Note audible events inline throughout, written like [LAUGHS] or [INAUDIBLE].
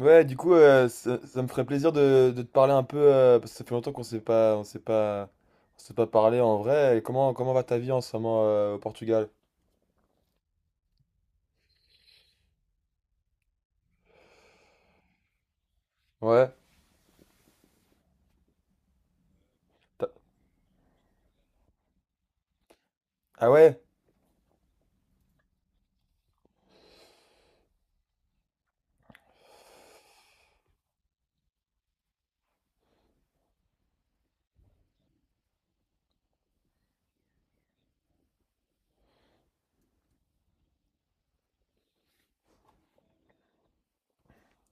Ouais, du coup, ça me ferait plaisir de te parler un peu, parce que ça fait longtemps qu' on s'est pas parlé en vrai. Et comment va ta vie en ce moment au Portugal? Ouais. t'as- Ah ouais?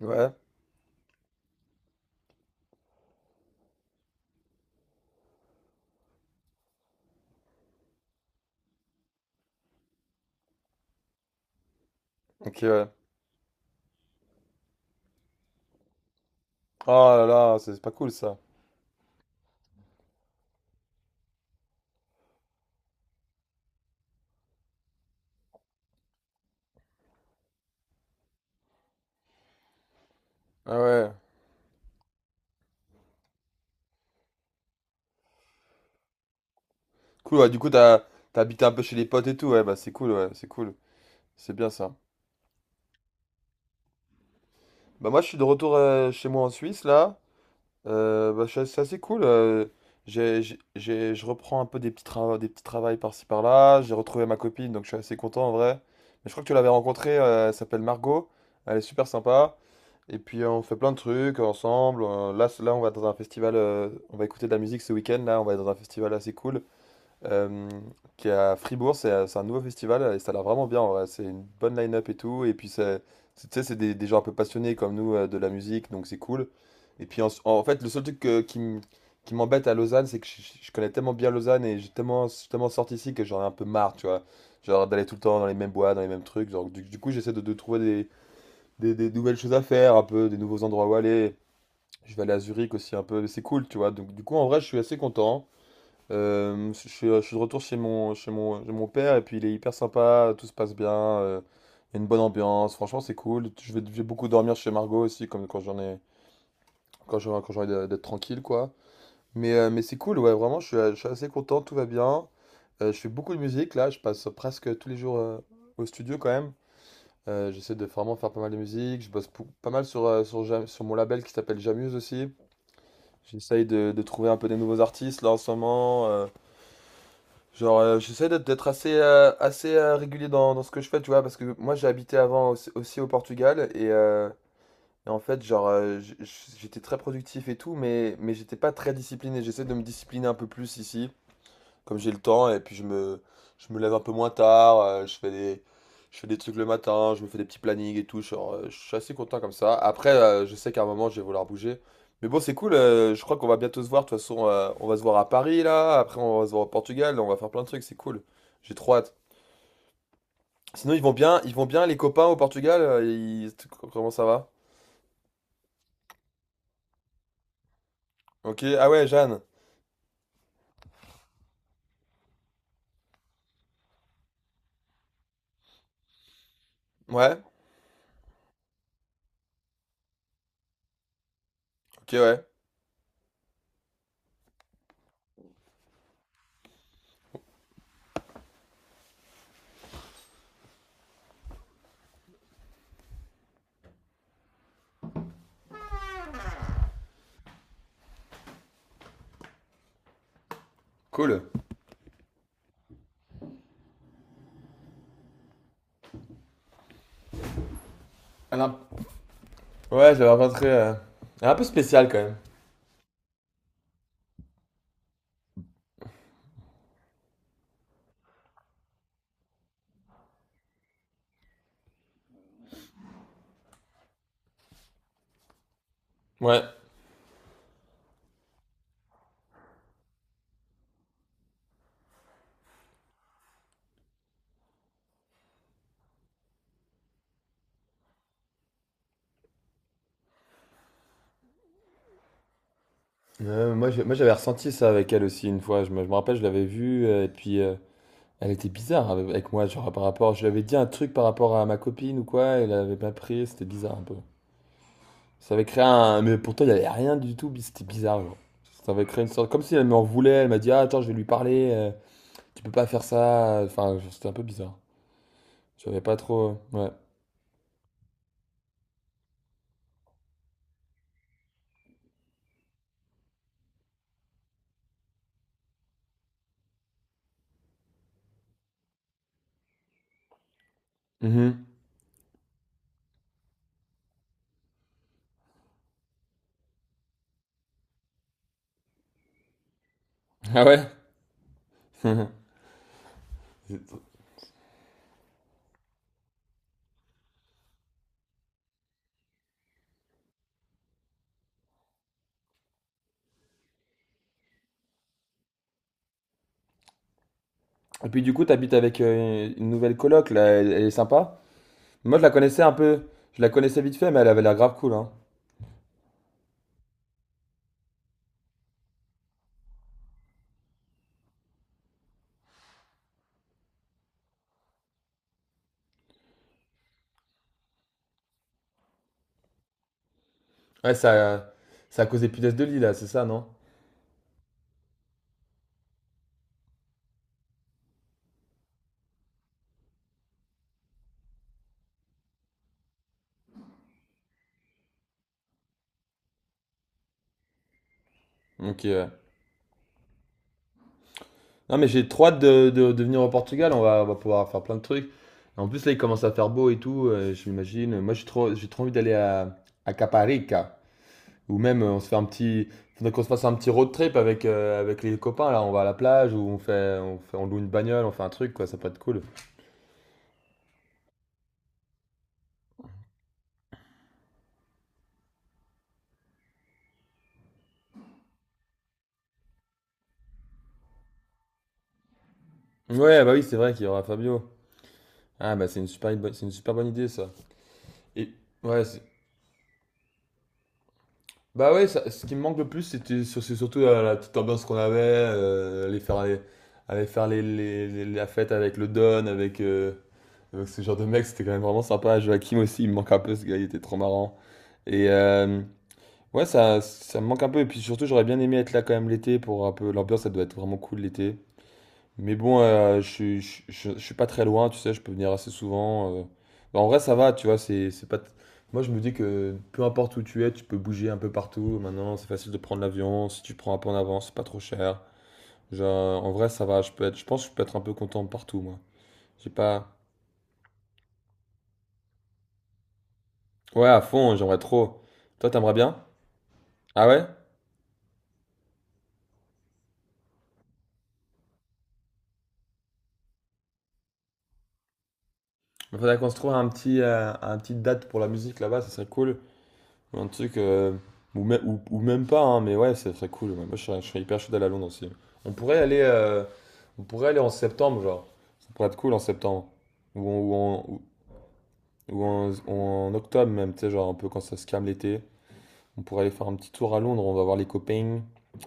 Ouais. Ok, ouais. Oh là là, c'est pas cool ça. Ah ouais. Cool, ouais, du coup, t'as habité un peu chez les potes et tout, ouais, bah c'est cool, ouais, c'est cool. C'est bien ça. Bah moi, je suis de retour chez moi en Suisse, là. Bah, c'est assez cool. Je reprends un peu des petits, travaux des petits travails par-ci par-là. J'ai retrouvé ma copine, donc je suis assez content en vrai. Mais je crois que tu l'avais rencontrée, elle s'appelle Margot. Elle est super sympa. Et puis on fait plein de trucs ensemble. Là, là, on va dans un festival, on va écouter de la musique ce week-end. Là, on va être dans un festival assez cool euh, qui est à Fribourg. C'est un nouveau festival et ça a l'air vraiment bien en vrai. C'est une bonne line-up et tout. Et puis, tu sais, c'est des gens un peu passionnés comme nous de la musique, donc c'est cool. Et puis, en fait, le seul truc qui m'embête à Lausanne, c'est que je connais tellement bien Lausanne et j'ai tellement, je suis tellement sorti ici que j'en ai un peu marre, tu vois. Genre d'aller tout le temps dans les mêmes bois, dans les mêmes trucs. Genre, du coup, j'essaie de trouver des nouvelles choses à faire, un peu des nouveaux endroits où aller. Je vais aller à Zurich aussi un peu, mais c'est cool, tu vois. Donc, du coup, en vrai, je suis assez content. Je suis de retour chez mon père et puis il est hyper sympa, tout se passe bien, il y a une bonne ambiance, franchement c'est cool. Je vais beaucoup dormir chez Margot aussi, comme quand j'en ai, d'être tranquille quoi. Mais c'est cool, ouais, vraiment je suis assez content, tout va bien. Je fais beaucoup de musique là, je passe presque tous les jours au studio quand même. J'essaie de vraiment faire pas mal de musique, je bosse pas mal sur mon label qui s'appelle Jamuse aussi. J'essaye de trouver un peu des nouveaux artistes là en ce moment. Genre, j'essaie d'être assez, assez régulier dans ce que je fais, tu vois, parce que moi j'ai habité avant aussi au Portugal et en fait, genre, j'étais très productif et tout, mais j'étais pas très discipliné. J'essaie de me discipliner un peu plus ici comme j'ai le temps et puis je me lève un peu moins tard, je fais des trucs le matin, je me fais des petits plannings et tout, genre, je suis assez content comme ça. Après, je sais qu'à un moment, je vais vouloir bouger. Mais bon, c'est cool, je crois qu'on va bientôt se voir, de toute façon, on va se voir à Paris là, après on va se voir au Portugal, on va faire plein de trucs, c'est cool. J'ai trop hâte. Sinon, ils vont bien les copains au Portugal. Comment ça va? Ok, ah ouais, Jeanne. Ouais, ok, ouais. Cool. Elle a- Ouais, je l'avais rencontrée. Elle est un peu spéciale quand même. Ouais. Moi, j'avais ressenti ça avec elle aussi une fois. Je me rappelle, je l'avais vue, et puis elle était bizarre avec moi, genre par rapport. Je lui avais dit un truc par rapport à ma copine ou quoi, elle avait pas pris, c'était bizarre un peu. Ça avait créé un. Mais pourtant, il n'y avait rien du tout, c'était bizarre, genre. Ça avait créé une sorte. Comme si elle m'en voulait, elle m'a dit, « Ah, attends, je vais lui parler, tu peux pas faire ça. » Enfin, genre, c'était un peu bizarre. J'avais pas trop. Ouais. Mhm. Ah ouais? [LAUGHS] Et puis, du coup, t'habites avec une nouvelle coloc, là, elle est sympa? Moi, je la connaissais un peu. Je la connaissais vite fait, mais elle avait l'air grave cool, hein. Ouais, ça a causé punaise de lit, là, c'est ça, non? Ok, ouais. Non, mais j'ai trop hâte de venir au Portugal. On va pouvoir faire plein de trucs. En plus, là, il commence à faire beau et tout, je m'imagine. Moi, j'ai trop envie d'aller à Caparica. Ou même, on se fait un petit. Faudrait qu'on se fasse un petit road trip avec les copains, là. On va à la plage, ou on loue une bagnole, on fait un truc, quoi. Ça peut être cool. Ouais, bah oui, c'est vrai qu'il y aura Fabio. Ah, bah, c'est une super bonne idée, ça. Et, ouais, bah ouais, ce qui me manque le plus, c'est surtout la petite ambiance qu'on avait, aller faire, les la fête avec le Don, avec ce genre de mec, c'était quand même vraiment sympa. Joachim aussi, il me manque un peu, ce gars, il était trop marrant. Et ouais, ça me manque un peu, et puis surtout, j'aurais bien aimé être là quand même l'été pour un peu l'ambiance, ça doit être vraiment cool l'été. Mais bon, je suis pas très loin, tu sais, je peux venir assez souvent. Bah, en vrai, ça va, tu vois, c'est pas. Moi, je me dis que peu importe où tu es, tu peux bouger un peu partout. Maintenant, c'est facile de prendre l'avion. Si tu prends un peu en avance, c'est pas trop cher. Genre, en vrai, ça va, je peux être. Je pense que je peux être un peu content partout, moi. J'ai pas. Ouais, à fond, j'aimerais trop. Toi, t'aimerais bien? Ah ouais? Il faudrait qu'on se trouve un petite date pour la musique là-bas, ça serait cool. Un truc, ou même pas, hein, mais ouais, ça serait cool. Ouais. Moi, je serais hyper chaud d'aller à Londres aussi. On pourrait aller, euh, on pourrait aller en septembre, genre. Ça pourrait être cool en septembre. Ou en, ou en, ou- ou en octobre même, tu sais, genre un peu quand ça se calme l'été. On pourrait aller faire un petit tour à Londres, on va voir les copains.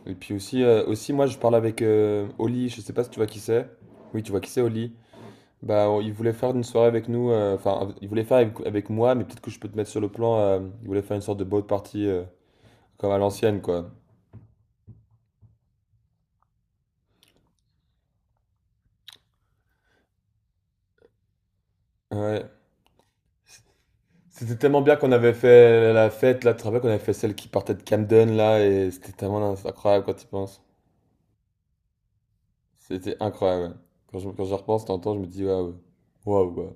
Et puis aussi, aussi, moi, je parle avec Oli, je sais pas si tu vois qui c'est. Oui, tu vois qui c'est, Oli. Bah, il voulait faire une soirée avec nous, enfin, il voulait faire avec moi, mais peut-être que je peux te mettre sur le plan. Il voulait faire une sorte de boat party. Comme à l'ancienne, quoi. Ouais. C'était tellement bien qu'on avait fait la fête, là, tu te rappelles qu'on avait fait celle qui partait de Camden, là, et c'était tellement incroyable quand tu y penses. C'était incroyable, ouais. Quand j'y repense, t'entends, je me dis, waouh, waouh, quoi.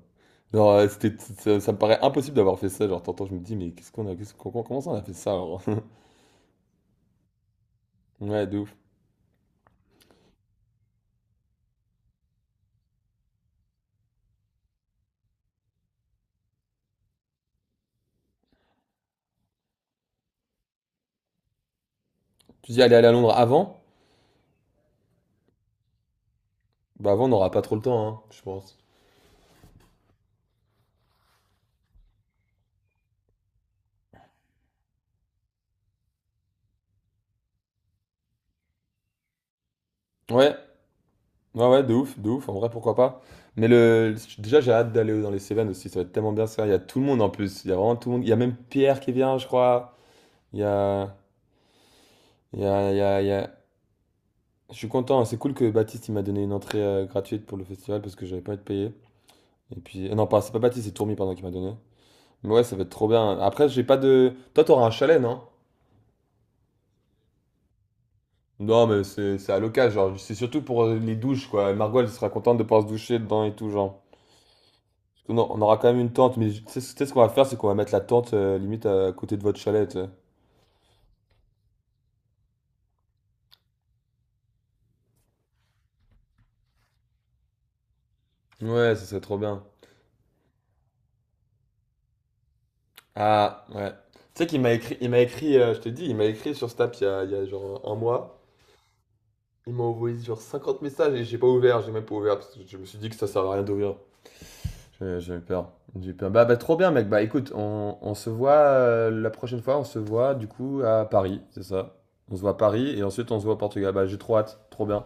Genre, ça me paraît impossible d'avoir fait ça, genre, t'entends, je me dis, mais qu'est-ce qu'on a, qu'est-ce qu'on- comment ça on a fait ça, genre [LAUGHS] Ouais, de ouf. Tu dis, allez, aller à Londres avant? Bah, avant, on n'aura pas trop le temps, hein, je pense. Ouais, ouais, ouais, de ouf, en vrai, pourquoi pas. Mais déjà, j'ai hâte d'aller dans les Cévennes aussi, ça va être tellement bien ça. Il y a tout le monde en plus, il y a vraiment tout le monde. Il y a même Pierre qui vient, je crois. Il y a, il y a. Je suis content, hein. C'est cool que Baptiste il m'a donné une entrée gratuite pour le festival parce que j'avais pas envie de payer. Et puis, non, pas, c'est pas Baptiste, c'est Tourmi, pardon, qui m'a donné. Mais ouais, ça va être trop bien. Après, j'ai pas de. Toi, t'auras un chalet, non? Non, mais c'est à l'occasion, genre, c'est surtout pour les douches, quoi. Margot, elle sera contente de pouvoir se doucher dedans et tout, genre. On aura quand même une tente, mais tu sais ce qu'on va faire, c'est qu'on va mettre la tente limite à côté de votre chalet, tu sais. Ouais, ça serait trop bien. Ah, ouais. Tu sais qu'il m'a écrit, je te dis, il m'a écrit sur Snap il y a genre un mois. Il m'a envoyé genre 50 messages et j'ai pas ouvert, j'ai même pas ouvert parce que je me suis dit que ça servait à rien d'ouvrir. J'ai eu peur. J'ai eu peur. Bah, bah, trop bien, mec. Bah, écoute, on se voit la prochaine fois. On se voit, du coup, à Paris, c'est ça. On se voit à Paris et ensuite on se voit au Portugal. Bah, j'ai trop hâte. Trop bien.